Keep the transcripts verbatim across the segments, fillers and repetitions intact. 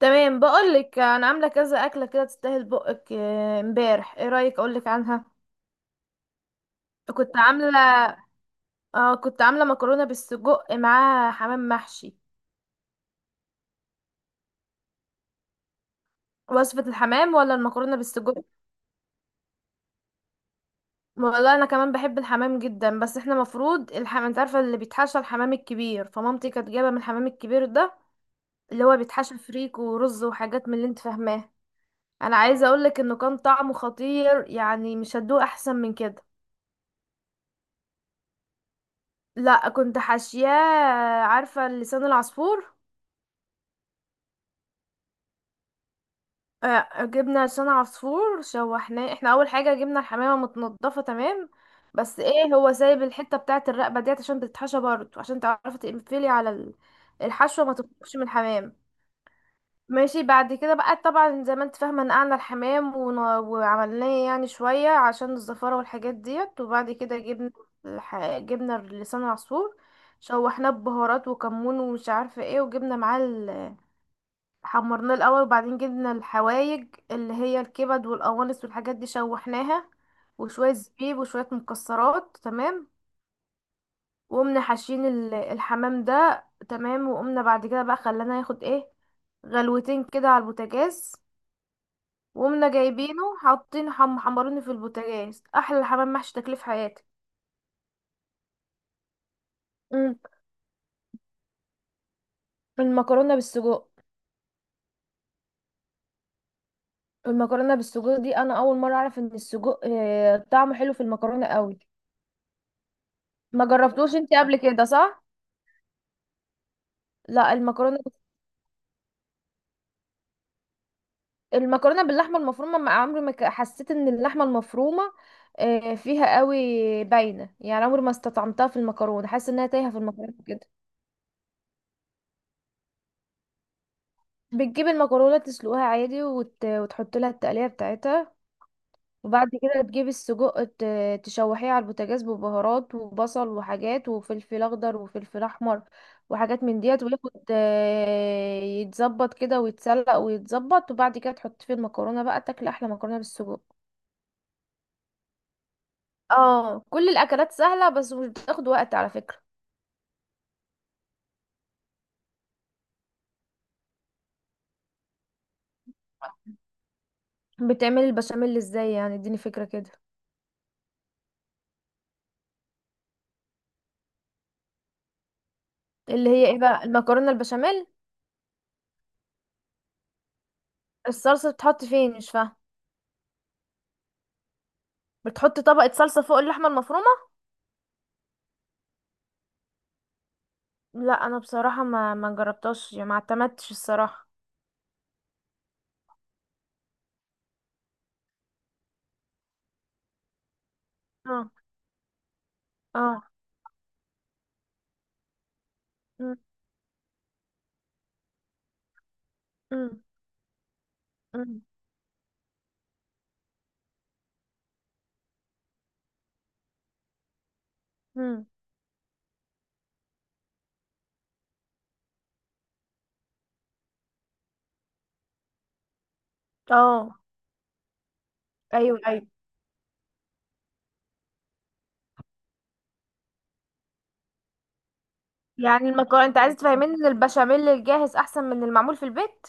تمام، بقولك انا عامله كذا اكله كده تستاهل بقك. آه، امبارح ايه رايك اقولك عنها؟ كنت عامله. اه كنت عامله مكرونه بالسجق معاها حمام محشي. وصفه الحمام ولا المكرونه بالسجق؟ والله انا كمان بحب الحمام جدا، بس احنا مفروض الحمام انت عارفه اللي بيتحشى، الحمام الكبير، فمامتي كانت جايبه من الحمام الكبير ده اللي هو بيتحشى فريك ورز وحاجات من اللي انت فاهماه. انا عايزه اقولك انه كان طعمه خطير، يعني مش هتدوق احسن من كده. لا كنت حاشياه. عارفة لسان العصفور؟ آه، جبنا لسان عصفور، شوحناه. احنا اول حاجة جبنا الحمامة متنضفة تمام، بس ايه هو سايب الحتة بتاعة الرقبة ديت عشان بتتحشى برضه، عشان تعرفي تقفلي على ال- الحشوة ما تخرجش من الحمام. ماشي، بعد كده بقى طبعا زي ما انت فاهمة، نقعنا الحمام ون- وعملناه يعني شوية عشان الزفارة والحاجات ديت. وبعد كده جبنا الح... جبنا لسان العصفور، شوحناه ببهارات وكمون ومش عارفة ايه، وجبنا معاه. حمرناه الاول، وبعدين جبنا الحوايج اللي هي الكبد والقوانص والحاجات دي شوحناها، وشويه زبيب وشويه مكسرات، تمام. وقمنا حاشين ال- الحمام ده، تمام. وقمنا بعد كده بقى خلانا ياخد ايه، غلوتين كده على البوتاجاز. وقمنا جايبينه حاطين حم حمرونه في البوتاجاز، احلى حمام محشي تاكليه في حياتي. امم المكرونه بالسجق. المكرونه بالسجق دي انا اول مره اعرف ان السجق آه، طعمه حلو في المكرونه قوي. ما جربتوش انت قبل كده صح؟ لا، المكرونه. المكرونه باللحمه المفرومه، ما عمري ما ك- حسيت ان اللحمه المفرومه آه، فيها قوي باينه، يعني عمري ما استطعمتها في المكرونه، حاسه انها تايهه في المكرونه كده. بتجيب المكرونه تسلقها عادي، وت... وتحط لها التقليه بتاعتها. وبعد كده تجيب السجق، ت... تشوحيه على البوتاجاز ببهارات وبصل وحاجات وفلفل اخضر وفلفل احمر، وحاجات من ديت، وياخد آه، يتظبط كده ويتسلق ويتظبط، وبعد كده تحط فيه المكرونه بقى، تاكل احلى مكرونه بالسجق. اه، كل الاكلات سهله، بس مش بتاخد وقت على فكره. بتعملي البشاميل ازاي؟ يعني اديني فكره كده. اللي هي ايه بقى، المكرونه البشاميل؟ الصلصه بتحط فين، مش فاهمه؟ بتحط طبقه صلصه فوق اللحمه المفرومه؟ لا، انا بصراحه ما ما جربتهاش، يعني ما اعتمدتش الصراحه. اه. اه. أم، أم، أم، أم. اه. ايوه، ايوه. يعني المكرونه، انت عايز تفهمين ان البشاميل الجاهز احسن من المعمول في البيت؟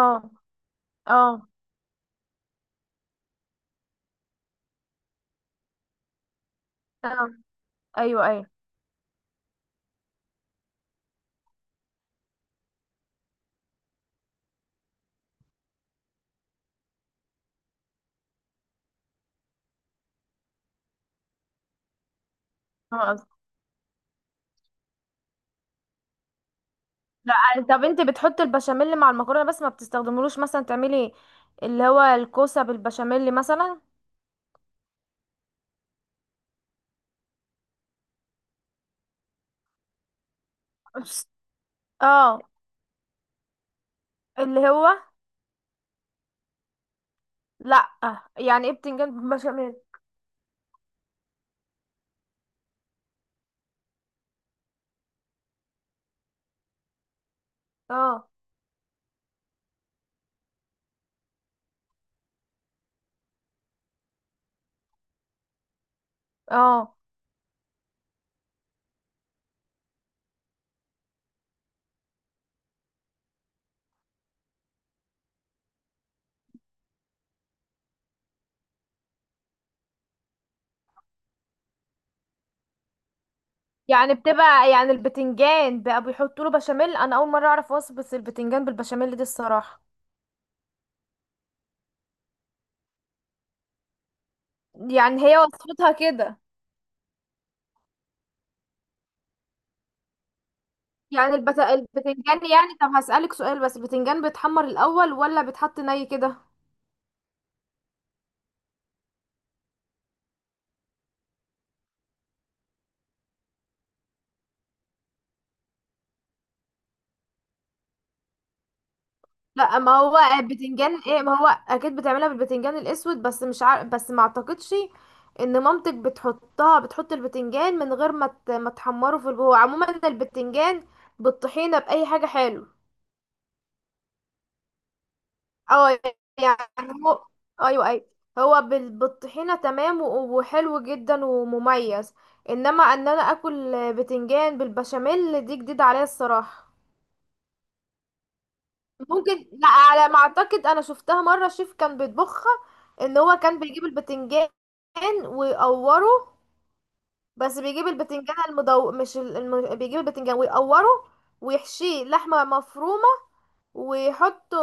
اه. اه. اه. ايوه، ايوه. اه. لا. طب انت بتحطي البشاميل مع المكرونه بس، ما بتستخدملوش مثلا تعملي اللي هو الكوسه بالبشاميل مثلا؟ بس- اه. اللي هو. لا. يعني ايه بتنجان بالبشاميل؟ اه. اه. يعني بتبقى، يعني البتنجان بقى بيحطوا له بشاميل؟ انا اول مره اعرف وصفه البتنجان بالبشاميل دي الصراحه. يعني هي وصفتها كده؟ يعني البت... البتنجان، يعني طب هسألك سؤال بس، البتنجان بيتحمر الاول ولا بيتحط ني كده؟ لا، ما هو بتنجان ايه، ما هو اكيد بتعملها بالبتنجان الاسود، بس مش عارف، بس ما اعتقدش ان مامتك بتحطها، بتحط البتنجان من غير ما ت- ما تحمره. في الجو عموما البتنجان بالطحينه باي حاجه حلو. اه. يعني هو آه، ايوه ايوه، هو بال- بالطحينه تمام، و- وحلو جدا ومميز. انما ان انا اكل بتنجان بالبشاميل دي جديده عليا الصراحه. ممكن، لا، على ما اعتقد انا شفتها مره شيف كان بيطبخها، ان هو كان بيجيب البتنجان ويقوره. بس بيجيب البتنجان المدو، مش ال- الم... بيجيب البتنجان ويقوره ويحشيه لحمه مفرومه، ويحطه،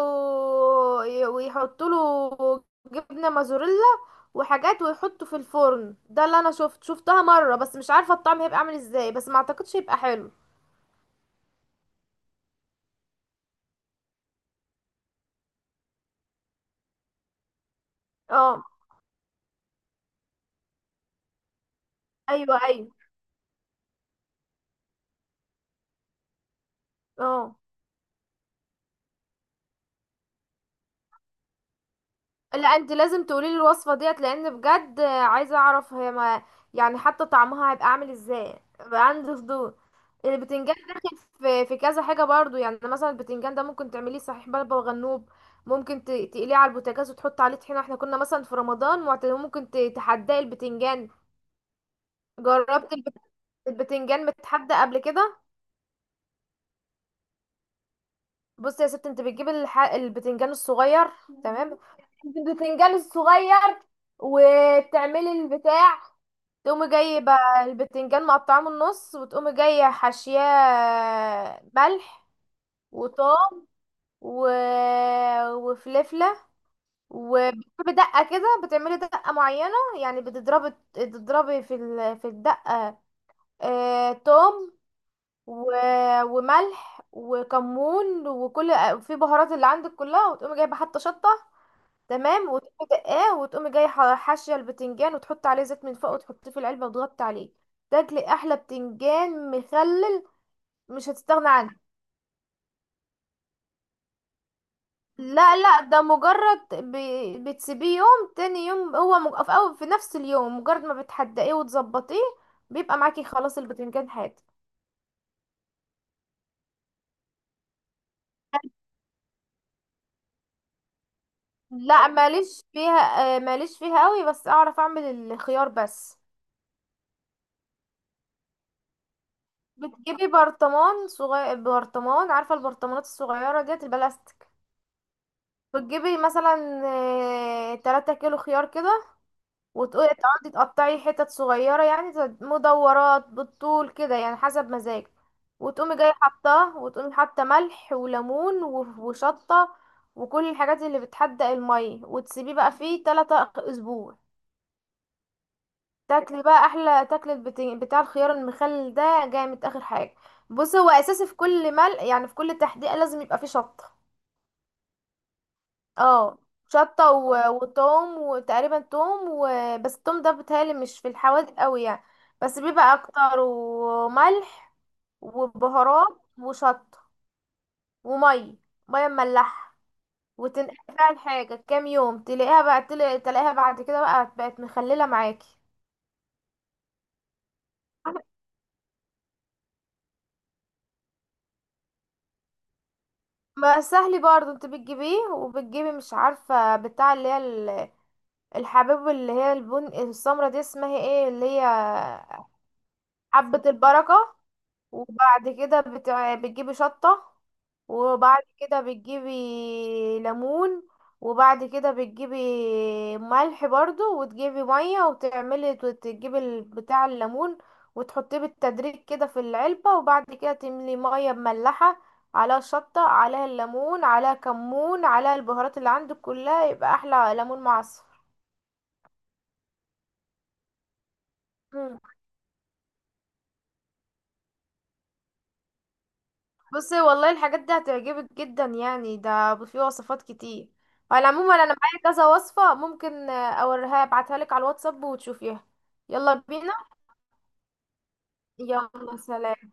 ويحط له جبنه موزاريلا وحاجات، ويحطه في الفرن. ده اللي انا شفت شفتها مره، بس مش عارفه الطعم هيبقى عامل ازاي، بس ما اعتقدش هيبقى حلو. اه. ايوه، ايوه. اه. لا، انت لازم تقولي لي الوصفه ديت، لان بجد عايزه اعرف هي ما، يعني حتى طعمها هيبقى عامل ازاي، بقى عندي فضول. البتنجان داخل في في كذا حاجه برضو. يعني مثلا البتنجان ده ممكن تعمليه صحيح بلبن وغنوب، ممكن ت- تقليه على البوتاجاز وتحط عليه طحينه. احنا كنا مثلا في رمضان معتاد- ممكن ت- تحدقي البتنجان. جربت البت- البتنجان متحدى قبل كده؟ بص يا ست، انت بتجيب الح... البتنجان الصغير، تمام. تجيب البتنجان الصغير وتعملي البتاع، تقومي جايبه البتنجان مقطعاه من النص، وتقومي جايه حاشياه ملح وطوم و... وفلفله. وبتجيبي دقه كده، بتعملي دقه معينه، يعني بتضربي تضربي في ال... في الدقه آه... توم و... وملح وكمون وكل في بهارات اللي عندك كلها، وتقومي جايبه حتى شطه، تمام. وتقومي دقاه، وتقومي جاي ح- حاشيه البتنجان، وتحطي عليه زيت من فوق، وتحطيه في العلبه وتغطي عليه. تاكلي احلى بتنجان مخلل، مش هتستغنى عنه. لا لا، ده مجرد ب... بتسيبيه يوم، تاني يوم هو مج... في أول، في نفس اليوم، مجرد ما بتحدقيه وتظبطيه، بيبقى معاكي خلاص البتنجان حاد. لا، ماليش فيها آه، ماليش فيها قوي، بس اعرف اعمل الخيار بس. بتجيبي برطمان صغير، برطمان، عارفة البرطمانات الصغيرة ديت البلاستيك؟ بتجيبي مثلا آه، تلات كيلو خيار كده، وتقولي تقعدي تقطعي حتت صغيرة، يعني ت- مدورات بالطول كده، يعني حسب مزاجك. وتقومي جاية حطاه، وتقومي حاطة ملح وليمون و- وشطة وكل الحاجات اللي بتحدق المية، وتسيبيه بقى فيه تلات أسبوع، تاكلي بقى احلى تاكل البت- بتاع الخيار المخلل ده، جامد اخر حاجه. بص، هو اساسي في كل مل، يعني في كل تحديقه لازم يبقى فيه شطه. اه. شطه و... وتوم، وتقريبا توم و... بس التوم ده بيتهيألي مش في الحوادق قوي يعني، بس بيبقى اكتر، وملح وبهارات وشطه وميه، ميه مملحه. وتنقع بقى الحاجه كام يوم، تلاقيها بقى تل- تلاقيها بعد كده بقى بقت مخلله معاكي. ما سهل برضه، انت بتجيبيه وبتجيبي مش عارفة بتاع اللي هي ال- الحبوب اللي هي البن السمرة دي، اسمها ايه اللي هي؟ حبة البركة. وبعد كده بت... بتجيبي شطة، وبعد كده بتجيبي ليمون، وبعد كده بتجيبي ملح برضو، وتجيبي مية، وتعملي وتجيبي ال- بتاع الليمون، وتحطيه بالتدريج كده في العلبة، وبعد كده تملي مية مملحة، عليها شطة، عليها الليمون، عليها كمون، عليها البهارات اللي عندك كلها، يبقى أحلى ليمون معصفر. بصي والله، الحاجات دي هتعجبك جدا، يعني ده في وصفات كتير. على العموم انا معايا كذا وصفة، ممكن آه، اوريها ابعتها لك على الواتساب وتشوفيها. يلا بينا. يلا سلام.